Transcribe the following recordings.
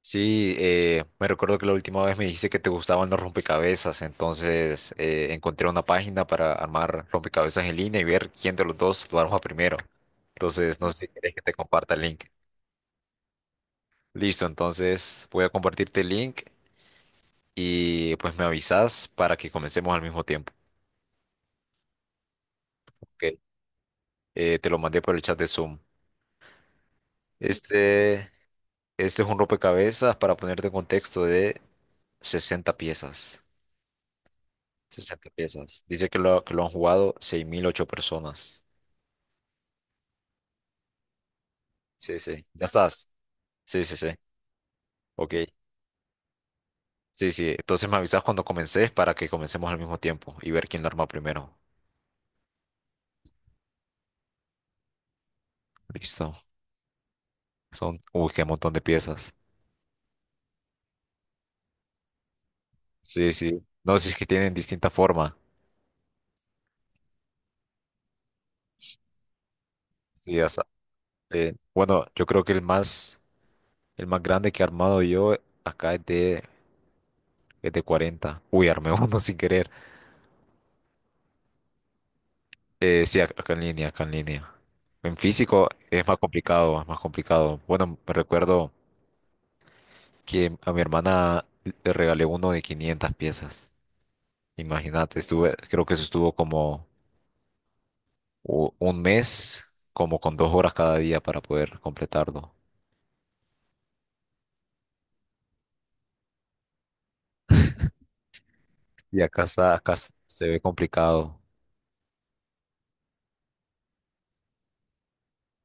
Sí, me recuerdo que la última vez me dijiste que te gustaban los rompecabezas, entonces encontré una página para armar rompecabezas en línea y ver quién de los dos lo arma primero. Entonces, no sé si quieres que te comparta el link. Listo, entonces voy a compartirte el link y pues me avisas para que comencemos al mismo tiempo. Ok. Te lo mandé por el chat de Zoom. Este, este es un rompecabezas para ponerte en contexto de 60 piezas. 60 piezas. Dice que lo han jugado 6.008 personas. Sí, sí. ¿Ya estás? Sí, sí, sí. Ok. Sí, sí. Entonces me avisas cuando comences para que comencemos al mismo tiempo y ver quién lo arma primero. Listo. Son, uy, qué montón de piezas. Sí, sí. No, si es que tienen distinta forma. Sí, bueno, yo creo que el más grande que he armado yo acá es de 40. Uy, armé uno sin querer. Acá en línea, acá en línea. En físico es más complicado, es más complicado. Bueno, me recuerdo que a mi hermana le regalé uno de 500 piezas. Imagínate, estuve, creo que eso estuvo como un mes, como con 2 horas cada día para poder completarlo. Y acá está, acá se ve complicado.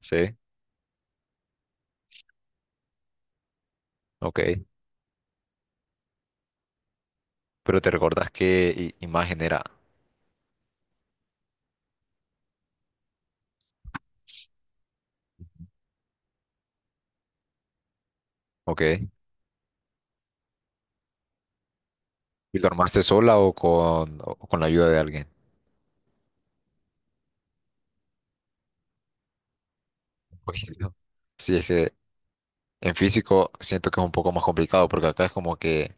Sí, ok. ¿Pero te recordás qué imagen era? Ok. ¿Y lo armaste sola o con la ayuda de alguien? Poquito. Sí, es que en físico siento que es un poco más complicado porque acá es como que,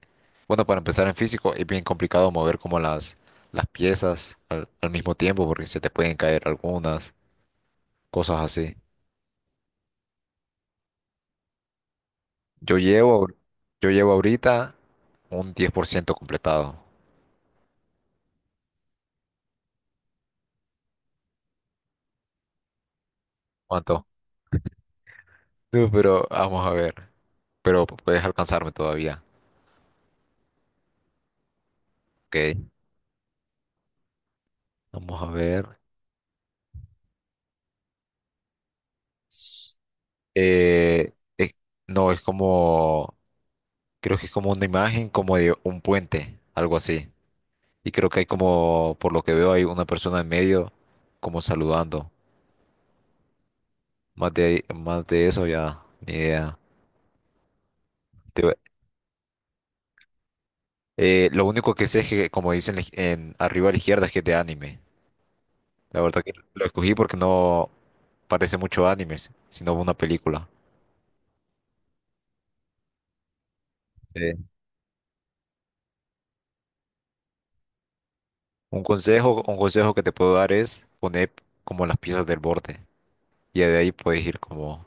bueno, para empezar en físico es bien complicado mover como las piezas al mismo tiempo porque se te pueden caer algunas, cosas así. Yo llevo, yo llevo ahorita un 10% completado. ¿Cuánto? No, pero vamos a ver. Pero puedes alcanzarme todavía. Ok, vamos a ver. S- eh, eh, no, es como, creo que es como una imagen como de un puente, algo así. Y creo que hay como, por lo que veo, hay una persona en medio como saludando. Más de eso ya, ni idea. Te voy- lo único que sé es que, como dicen en, arriba a la izquierda, es que es de anime. La verdad que lo escogí porque no parece mucho anime, sino una película. Eh, un consejo que te puedo dar es poner como las piezas del borde. Y de ahí puedes ir como...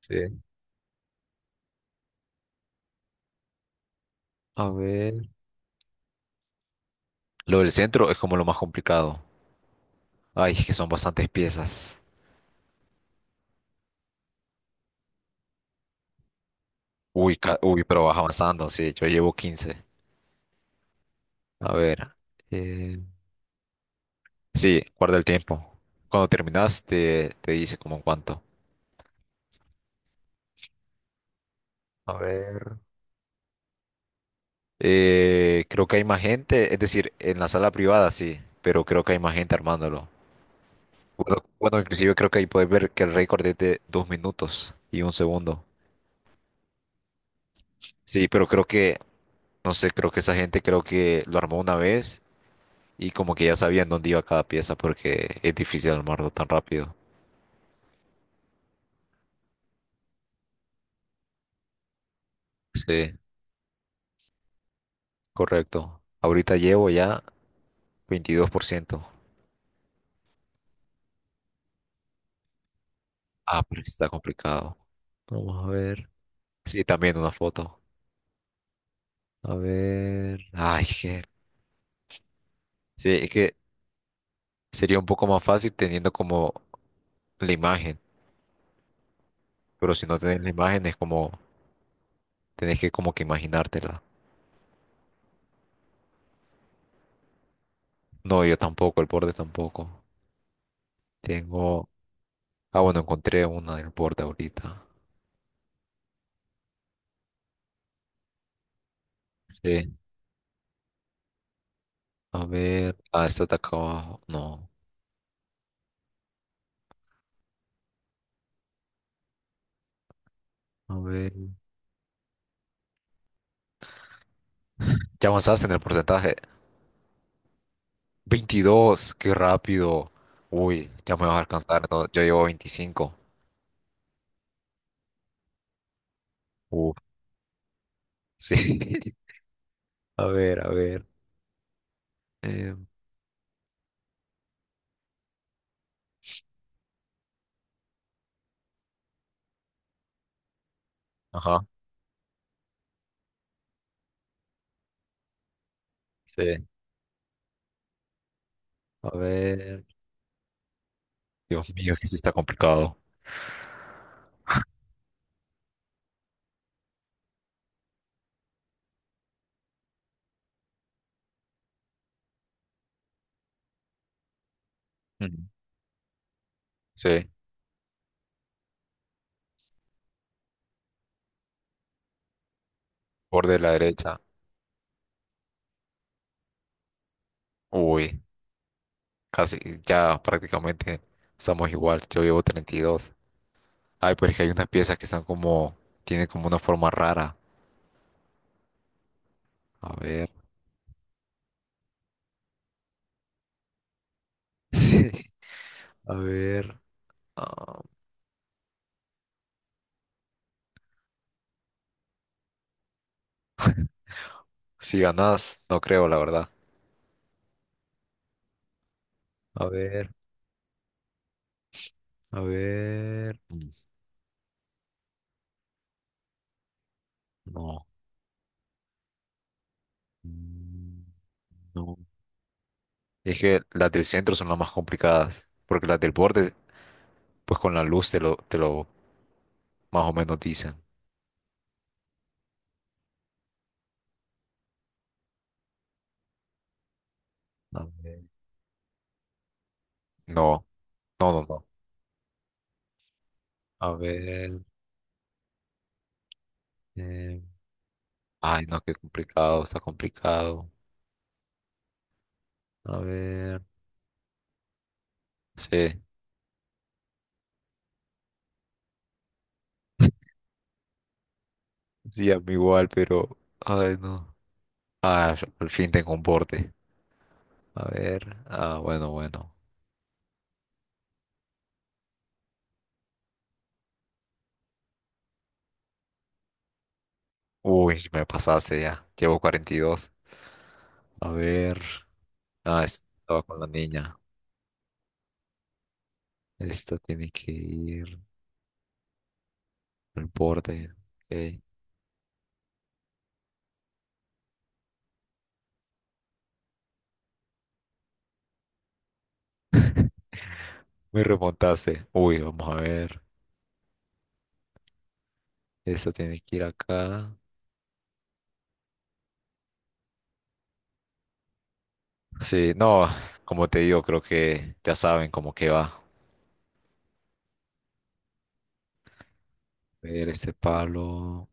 Sí. A ver. Lo del centro es como lo más complicado. Ay, es que son bastantes piezas. Uy, pero vas avanzando. Sí, yo llevo 15. A ver, eh, sí, guarda el tiempo. Cuando terminas te dice como en cuánto. A ver. Creo que hay más gente, es decir, en la sala privada sí, pero creo que hay más gente armándolo. Bueno, bueno, inclusive creo que ahí puedes ver que el récord es de 2 minutos y 1 segundo. Sí, pero creo que, no sé, creo que esa gente creo que lo armó una vez y como que ya sabían dónde iba cada pieza porque es difícil armarlo tan rápido. Sí. Correcto. Ahorita llevo ya 22%. Ah, pero sí está complicado. Vamos a ver. Sí, también una foto. A ver. Ay, que. Sí, es que sería un poco más fácil teniendo como la imagen. Pero si no tenés la imagen es como. Tenés que como que imaginártela. No, yo tampoco, el borde tampoco. Tengo. Ah, bueno, encontré una del borde ahorita. Sí. A ver. Ah, esta está acá abajo. No. A ver. ¿Ya avanzaste en el porcentaje? 22, qué rápido. Uy, ya me vas a alcanzar. No, yo llevo 25. Uf, sí. A ver, a ver. eh, ajá, sí. A ver. Dios mío, que sí está complicado. Ujú, sí, borde de la derecha. Uy, casi, ya prácticamente estamos igual. Yo llevo 32. Ay, pero es que hay unas piezas que están como, tienen como una forma rara. A ver. Sí, a ver. Ah, si ganas, no creo, la verdad. A ver. A ver. No. mm, No. Es que las del centro son las más complicadas. Porque las del borde, pues con la luz te lo más o menos dicen. A ver. No, no, no, no. A ver. eh, Ay, no, qué complicado, está complicado. A ver. Sí. Sí, a mí igual, pero. Ay, no. Ah, al fin tengo un borde. A ver. Ah, bueno, bueno. Uy, me pasaste ya. Llevo 42. A ver. Ah, esta estaba con la niña. Esta tiene que ir al borde. Ok. Me remontaste. Uy, vamos a ver. Esta tiene que ir acá. Sí, no, como te digo, creo que ya saben cómo que va. A ver, este palo.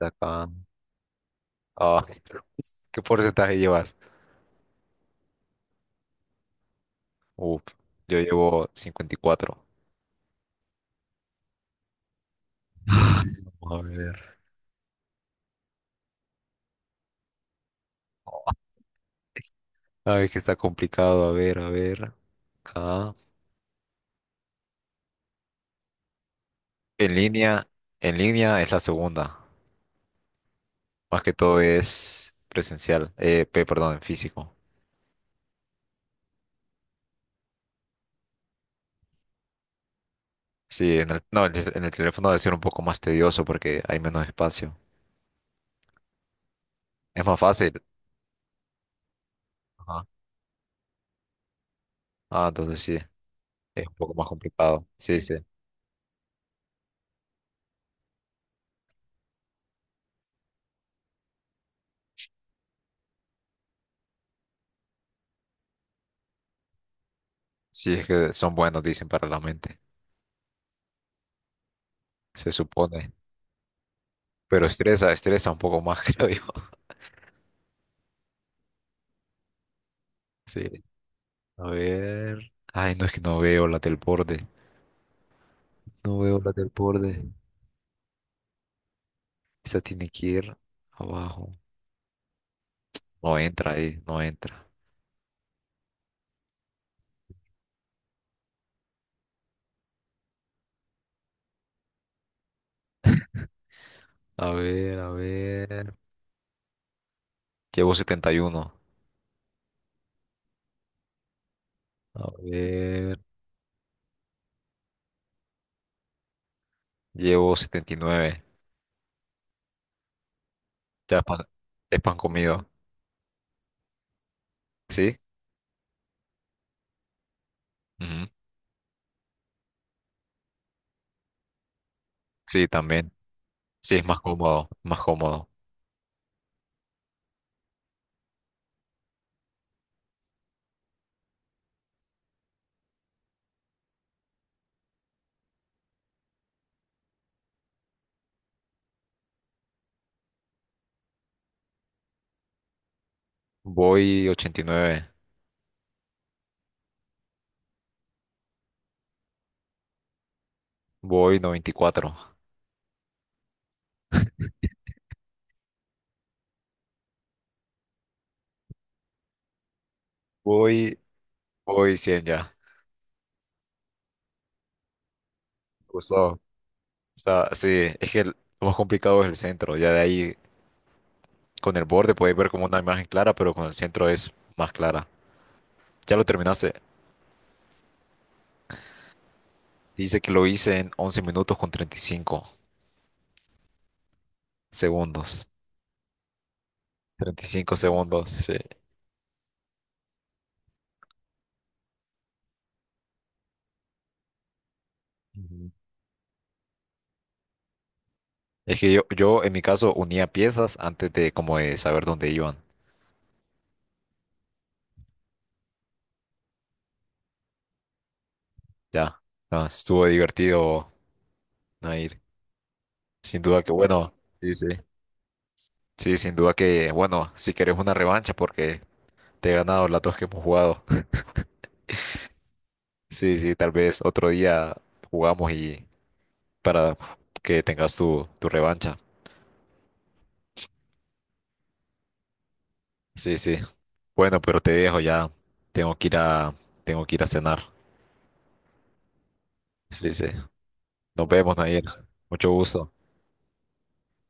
De acá. Ah, ¿qué porcentaje llevas? Uf, yo llevo 54. Ay, vamos a ver. Ay, que está complicado. A ver, a ver. Acá. En línea, en línea es la segunda. Más que todo es presencial, perdón, en físico. Sí, en el, no, en el teléfono debe ser un poco más tedioso porque hay menos espacio. Es más fácil. Ajá. Ah, entonces sí, es un poco más complicado. Sí, sí. Sí, es que son buenos, dicen, para la mente, se supone. Pero estresa, estresa un poco más, creo yo. Sí. A ver. Ay, no es que no veo la del borde. No veo la del borde. Esa tiene que ir abajo. No entra ahí, no entra. A ver, a ver. Llevo 71. A ver. Llevo 79. Ya es pan comido. ¿Sí? Ujú. Sí, también. Sí, es más cómodo. Más cómodo. Voy 89. Voy 94. Voy, voy 100 ya. Gustavo. Está, sí, es que lo más complicado es el centro. Ya de ahí, con el borde puedes ver como una imagen clara, pero con el centro es más clara. Ya lo terminaste. Dice que lo hice en 11 minutos con 35 segundos. 35 segundos, sí. Es que yo en mi caso unía piezas antes de como de saber dónde iban. Ya. No, estuvo divertido, Nair. Sin duda que bueno. Sí, sí. Sí, sin duda que bueno, si querés una revancha porque te he ganado las dos que hemos jugado. Sí, sí, tal vez otro día jugamos y para que tengas tu revancha. Sí, sí. Bueno, pero te dejo ya. Tengo que ir a, tengo que ir a cenar. Sí, sí. Nos vemos, Nair. Mucho gusto.